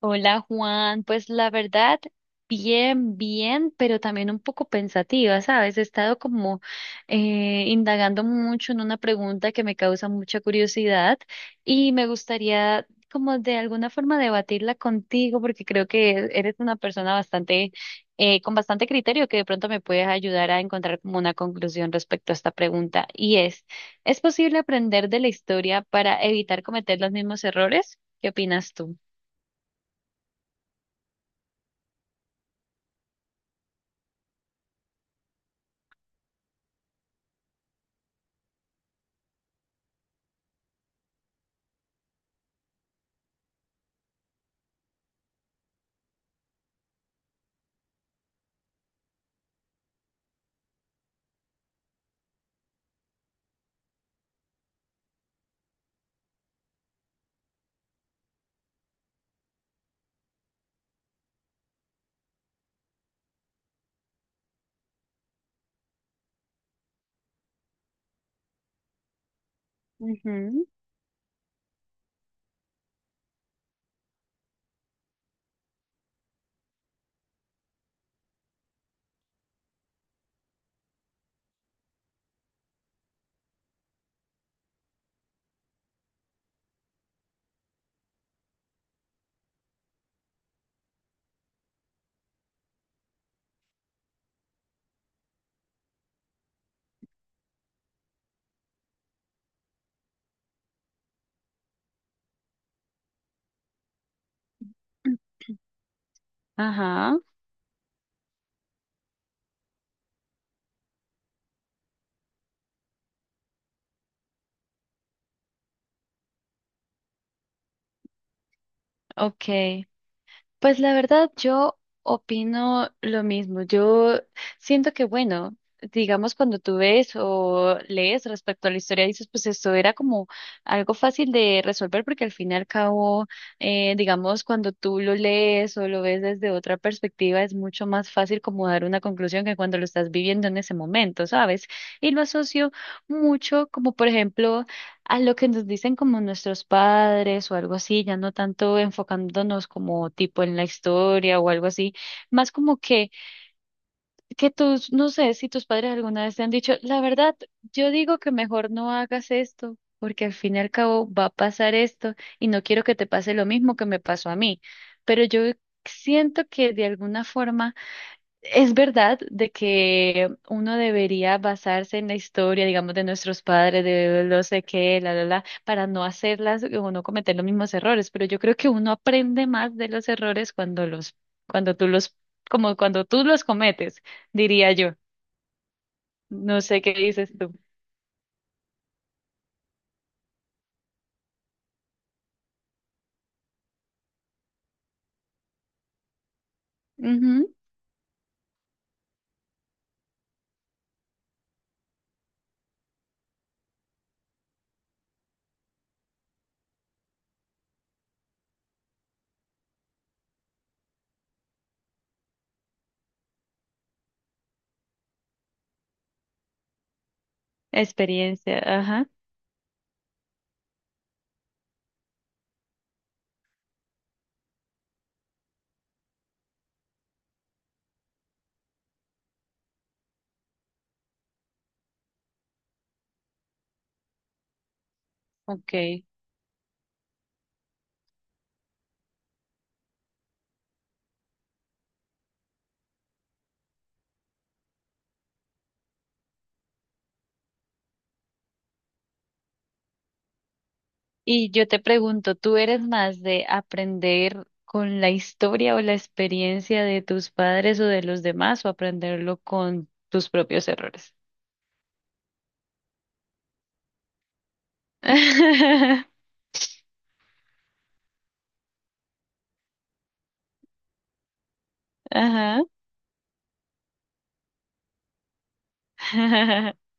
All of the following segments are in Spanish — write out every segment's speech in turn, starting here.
Hola Juan, pues la verdad, bien, bien, pero también un poco pensativa, ¿sabes? He estado como indagando mucho en una pregunta que me causa mucha curiosidad y me gustaría como de alguna forma debatirla contigo porque creo que eres una persona bastante, con bastante criterio que de pronto me puedes ayudar a encontrar como una conclusión respecto a esta pregunta y ¿es posible aprender de la historia para evitar cometer los mismos errores? ¿Qué opinas tú? Ujú. Ajá, ok. Pues la verdad yo opino lo mismo. Yo siento que, bueno, digamos cuando tú ves o lees respecto a la historia, dices, pues esto era como algo fácil de resolver porque al fin y al cabo, digamos, cuando tú lo lees o lo ves desde otra perspectiva, es mucho más fácil como dar una conclusión que cuando lo estás viviendo en ese momento, ¿sabes? Y lo asocio mucho como, por ejemplo, a lo que nos dicen como nuestros padres o algo así, ya no tanto enfocándonos como tipo en la historia o algo así, más como que tus, no sé si tus padres alguna vez te han dicho, la verdad, yo digo que mejor no hagas esto, porque al fin y al cabo va a pasar esto y no quiero que te pase lo mismo que me pasó a mí, pero yo siento que de alguna forma es verdad de que uno debería basarse en la historia, digamos, de nuestros padres, de no sé qué, la, para no hacerlas o no cometer los mismos errores, pero yo creo que uno aprende más de los errores cuando los, cuando tú los, como cuando tú los cometes, diría yo. No sé qué dices tú. Ujú, Experiencia, ajá, ok. Y yo te pregunto, ¿tú eres más de aprender con la historia o la experiencia de tus padres o de los demás o aprenderlo con tus propios errores? Ajá.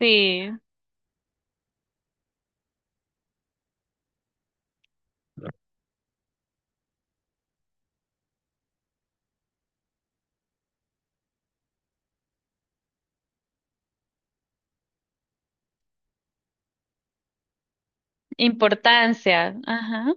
Sí, importancia. Ajá.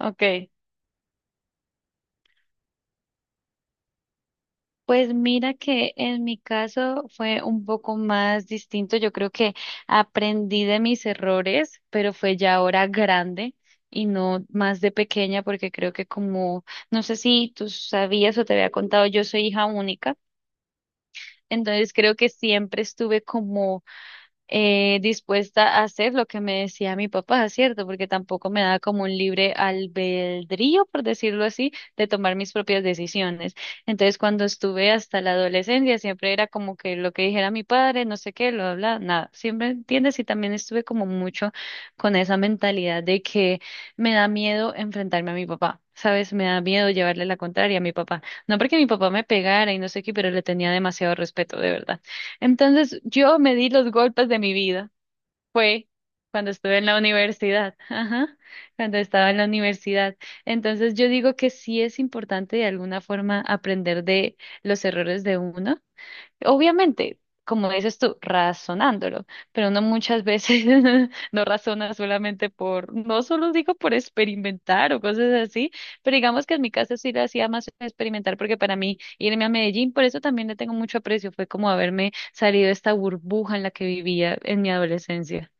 Ok. Pues mira que en mi caso fue un poco más distinto. Yo creo que aprendí de mis errores, pero fue ya ahora grande y no más de pequeña, porque creo que como, no sé si tú sabías o te había contado, yo soy hija única, entonces creo que siempre estuve como dispuesta a hacer lo que me decía mi papá, ¿cierto? Porque tampoco me daba como un libre albedrío, por decirlo así, de tomar mis propias decisiones. Entonces, cuando estuve hasta la adolescencia, siempre era como que lo que dijera mi padre, no sé qué, lo habla, nada. Siempre, ¿entiendes? Y también estuve como mucho con esa mentalidad de que me da miedo enfrentarme a mi papá. ¿Sabes? Me da miedo llevarle la contraria a mi papá. No porque mi papá me pegara y no sé qué, pero le tenía demasiado respeto, de verdad. Entonces yo me di los golpes de mi vida. Fue cuando estuve en la universidad. Ajá, cuando estaba en la universidad. Entonces yo digo que sí es importante de alguna forma aprender de los errores de uno. Obviamente, como dices tú, razonándolo, pero no muchas veces no razona solamente por, no solo digo por experimentar o cosas así, pero digamos que en mi caso sí lo hacía más experimentar porque para mí irme a Medellín, por eso también le tengo mucho aprecio, fue como haberme salido de esta burbuja en la que vivía en mi adolescencia.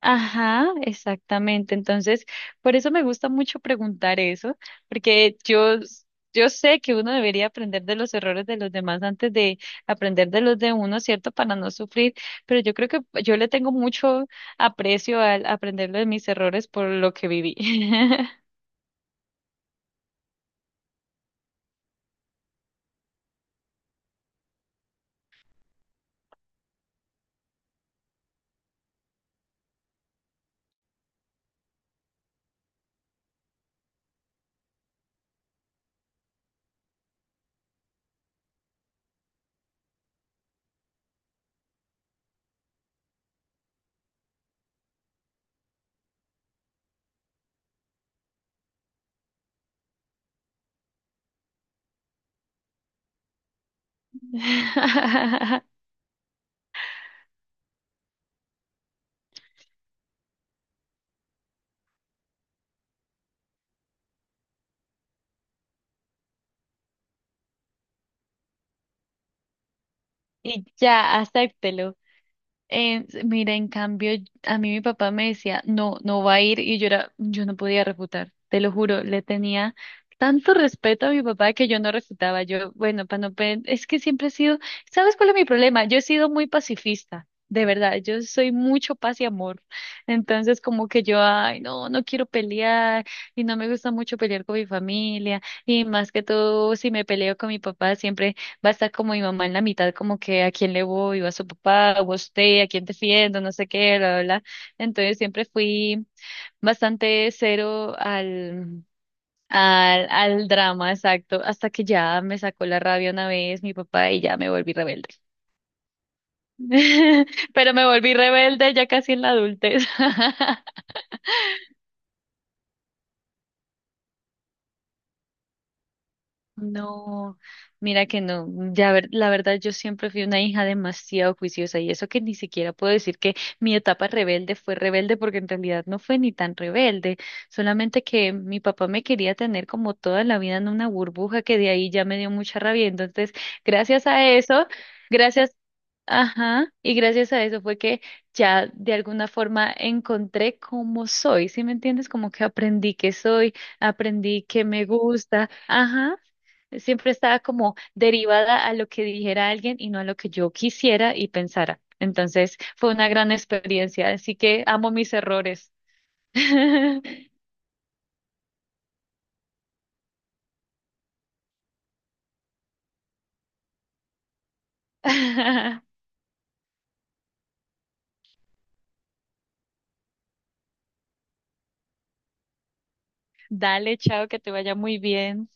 Ajá, exactamente. Entonces, por eso me gusta mucho preguntar eso, porque yo sé que uno debería aprender de los errores de los demás antes de aprender de los de uno, ¿cierto? Para no sufrir, pero yo creo que yo le tengo mucho aprecio al aprender de mis errores por lo que viví. Y ya, acéptelo. Mira, en cambio, a mí mi papá me decía, no, no va a ir, y yo era, yo no podía refutar, te lo juro, le tenía tanto respeto a mi papá que yo no refutaba. Yo, bueno, para no, pe- es que siempre he sido, ¿sabes cuál es mi problema? Yo he sido muy pacifista, de verdad, yo soy mucho paz y amor. Entonces, como que yo, ay, no, no quiero pelear, y no me gusta mucho pelear con mi familia, y más que todo, si me peleo con mi papá, siempre va a estar como mi mamá en la mitad, como que a quién le voy, o a su papá, o a usted, a quién defiendo, no sé qué, bla, bla, bla. Entonces siempre fui bastante cero al, al, al drama, exacto, hasta que ya me sacó la rabia una vez mi papá y ya me volví rebelde. Pero me volví rebelde ya casi en la adultez. No, mira que no. Ya ver, la verdad, yo siempre fui una hija demasiado juiciosa y eso que ni siquiera puedo decir que mi etapa rebelde fue rebelde porque en realidad no fue ni tan rebelde, solamente que mi papá me quería tener como toda la vida en una burbuja que de ahí ya me dio mucha rabia. Entonces, gracias a eso, gracias. Ajá, y gracias a eso fue que ya de alguna forma encontré cómo soy, ¿sí me entiendes? Como que aprendí que soy, aprendí que me gusta, ajá. Siempre estaba como derivada a lo que dijera alguien y no a lo que yo quisiera y pensara. Entonces fue una gran experiencia, así que amo mis errores. Dale, chao, que te vaya muy bien.